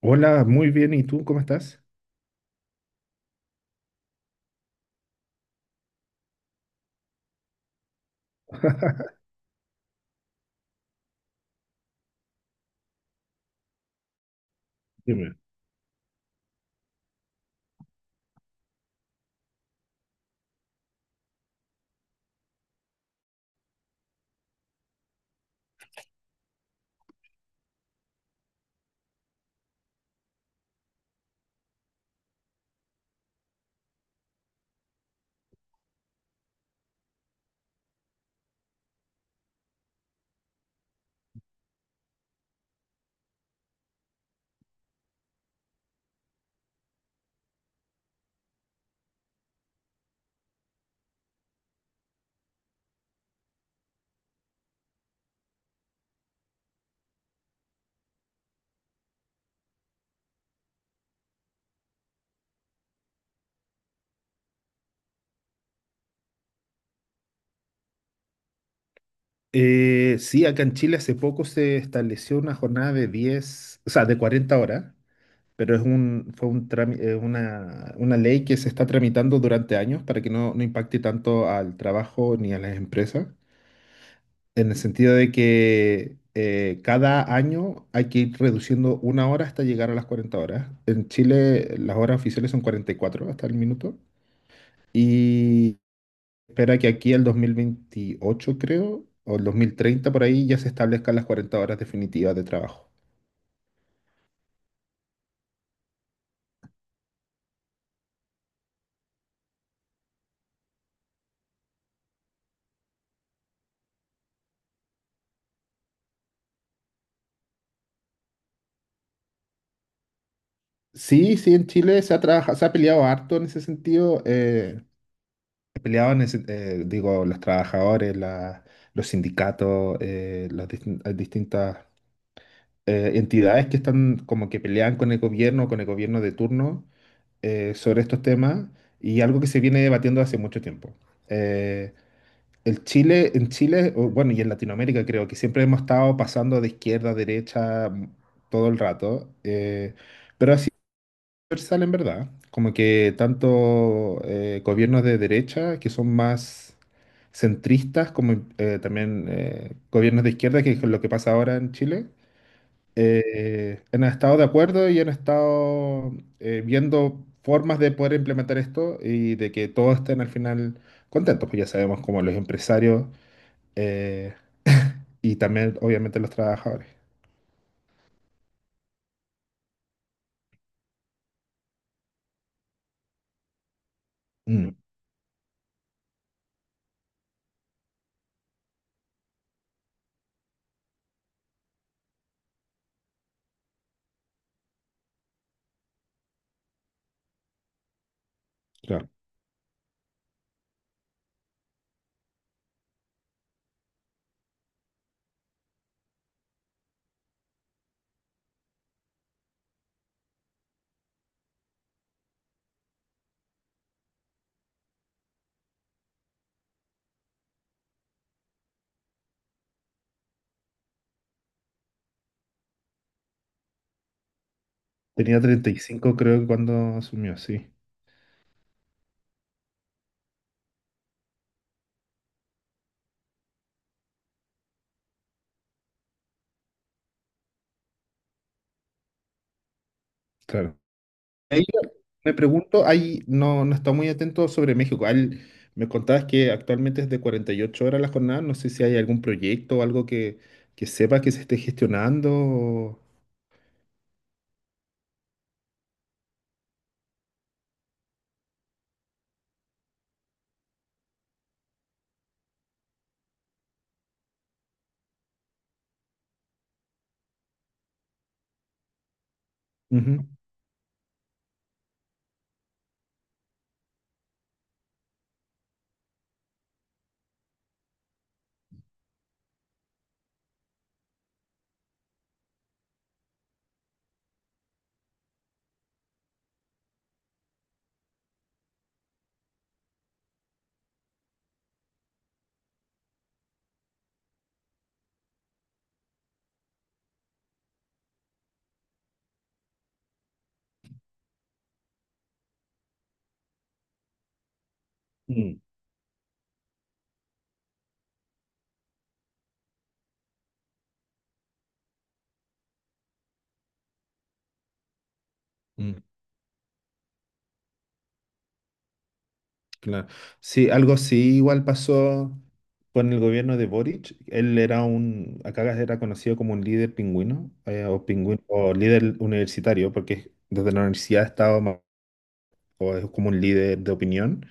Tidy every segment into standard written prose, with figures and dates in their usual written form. Hola, muy bien. ¿Y tú cómo estás? Dime. Sí, acá en Chile hace poco se estableció una jornada de 10, o sea, de 40 horas, pero fue un una ley que se está tramitando durante años para que no impacte tanto al trabajo ni a las empresas, en el sentido de que cada año hay que ir reduciendo una hora hasta llegar a las 40 horas. En Chile las horas oficiales son 44 hasta el minuto. Espera que aquí el 2028 creo, o el 2030 por ahí ya se establezcan las 40 horas definitivas de trabajo. Sí, sí, en Chile se ha peleado harto en ese sentido. Peleaban, digo, los trabajadores, los sindicatos, eh, las distintas entidades que están como que pelean con el gobierno de turno sobre estos temas y algo que se viene debatiendo hace mucho tiempo. Eh, en Chile, o bueno, y en Latinoamérica creo que siempre hemos estado pasando de izquierda a derecha todo el rato, pero así es universal en verdad, como que tanto gobiernos de derecha que son más centristas, como también gobiernos de izquierda, que es lo que pasa ahora en Chile, han estado de acuerdo y han estado viendo formas de poder implementar esto y de que todos estén al final contentos, pues ya sabemos como los empresarios, eh, y también, obviamente, los trabajadores. Mm, claro. Tenía 35 creo que cuando asumió, sí, claro. Ahí yo me pregunto, ahí no está muy atento sobre México. Me contabas que actualmente es de 48 horas la jornada. No sé si hay algún proyecto o algo que sepa que se esté gestionando. O- Ujú. Mm, mm. Claro. Sí, algo así igual pasó con el gobierno de Boric. Él acá era conocido como un líder pingüino, o pingüino, o líder universitario, porque desde la universidad estaba ma- o es como un líder de opinión.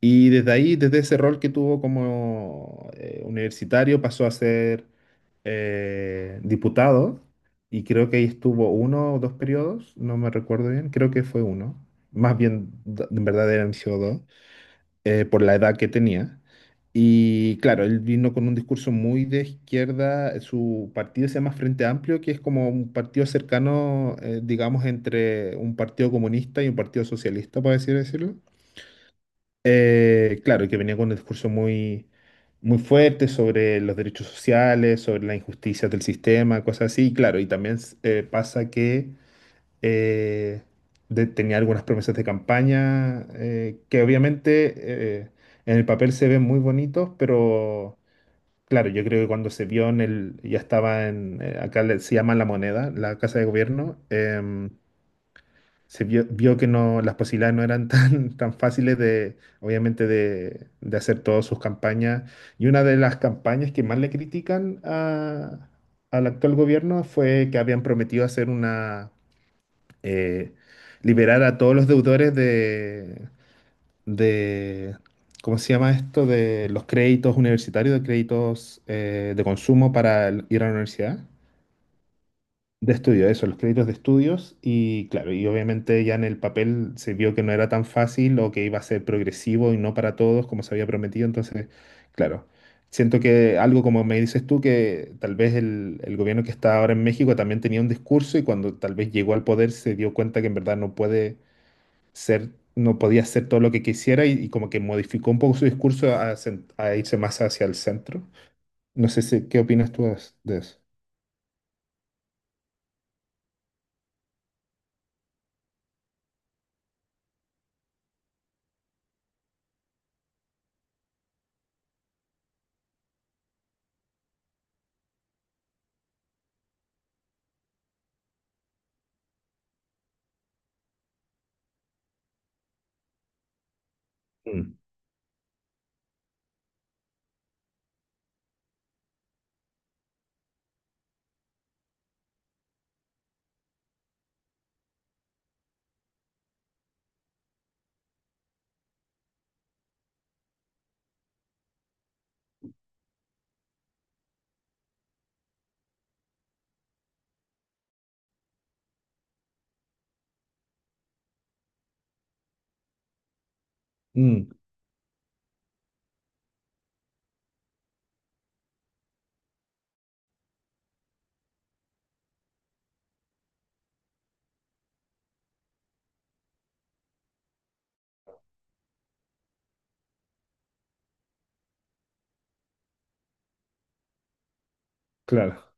Y desde ahí, desde ese rol que tuvo como universitario, pasó a ser diputado. Y creo que ahí estuvo uno o dos periodos, no me recuerdo bien, creo que fue uno. Más bien, d- en verdad eran sido dos, por la edad que tenía. Y claro, él vino con un discurso muy de izquierda. Su partido se llama Frente Amplio, que es como un partido cercano, digamos, entre un partido comunista y un partido socialista, por así decirlo. Claro, y que venía con un discurso muy fuerte sobre los derechos sociales, sobre las injusticias del sistema, cosas así. Y claro, y también pasa que eh, tenía algunas promesas de campaña que obviamente, eh, en el papel se ven muy bonitos, pero claro, yo creo que cuando se vio ya estaba en, se llama La Moneda, la Casa de Gobierno. Se vio, vio que no, las posibilidades no eran tan fáciles de, obviamente, de hacer todas sus campañas. Y una de las campañas que más le critican al actual gobierno fue que habían prometido hacer una, eh, liberar a todos los deudores de, ¿cómo se llama esto? De los créditos universitarios, de créditos de consumo para el- ir a la universidad. De estudio, eso, los créditos de estudios. Y claro, y obviamente ya en el papel se vio que no era tan fácil o que iba a ser progresivo y no para todos como se había prometido. Entonces, claro, siento que algo como me dices tú, que tal vez el gobierno que está ahora en México también tenía un discurso y cuando tal vez llegó al poder se dio cuenta que en verdad no puede ser, no podía hacer todo lo que quisiera y como que modificó un poco su discurso a, a irse más hacia el centro. No sé si, ¿qué opinas tú as- de eso? Mm. Mm, claro.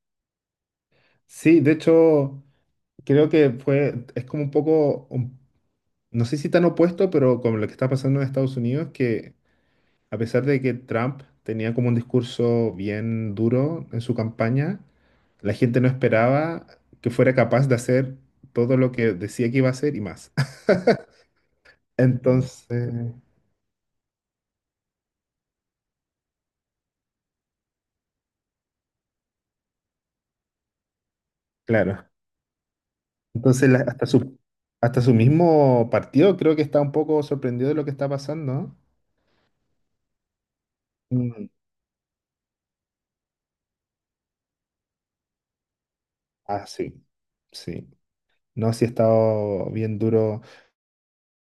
Sí, de hecho, creo que fue, es como un poco, un- no sé si tan opuesto, pero como lo que está pasando en Estados Unidos, que a pesar de que Trump tenía como un discurso bien duro en su campaña, la gente no esperaba que fuera capaz de hacer todo lo que decía que iba a hacer y más. Entonces, claro. Entonces, hasta su mismo partido creo que está un poco sorprendido de lo que está pasando, ¿no? Mm, ah, sí, sí. No, sí ha estado bien duro.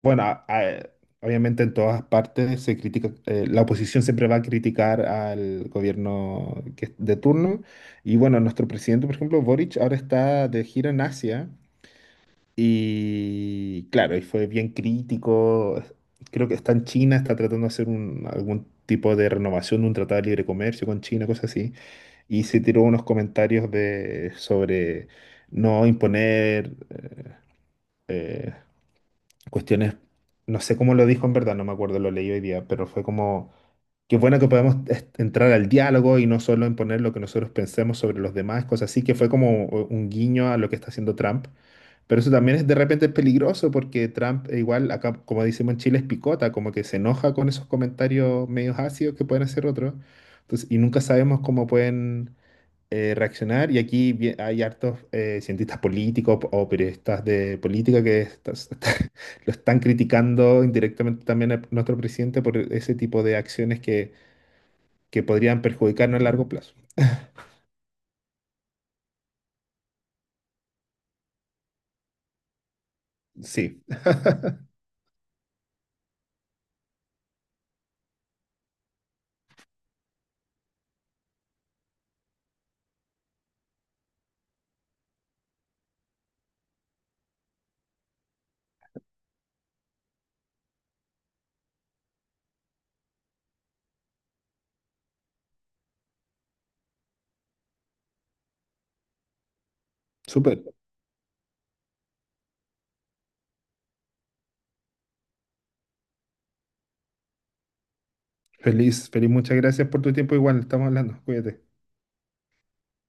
Bueno, obviamente en todas partes se critica, la oposición siempre va a criticar al gobierno de turno. Y bueno, nuestro presidente, por ejemplo, Boric, ahora está de gira en Asia. Y claro, y fue bien crítico. Creo que está en China, está tratando de hacer un- algún tipo de renovación de un tratado de libre comercio con China, cosas así. Y se tiró unos comentarios de, sobre no imponer eh, cuestiones, no sé cómo lo dijo en verdad, no me acuerdo, lo leí hoy día, pero fue como, qué bueno que podemos entrar al diálogo y no solo imponer lo que nosotros pensemos sobre los demás, cosas así, que fue como un guiño a lo que está haciendo Trump. Pero eso también es de repente peligroso porque Trump, igual, acá, como decimos en Chile, es picota, como que se enoja con esos comentarios medios ácidos que pueden hacer otros. Entonces, y nunca sabemos cómo pueden reaccionar. Y aquí hay hartos cientistas políticos o periodistas de política que estas- lo están criticando indirectamente también a nuestro presidente por ese tipo de acciones que podrían perjudicarnos a largo plazo. Sí, súper. Feliz, feliz, muchas gracias por tu tiempo. Igual, estamos hablando. Cuídate.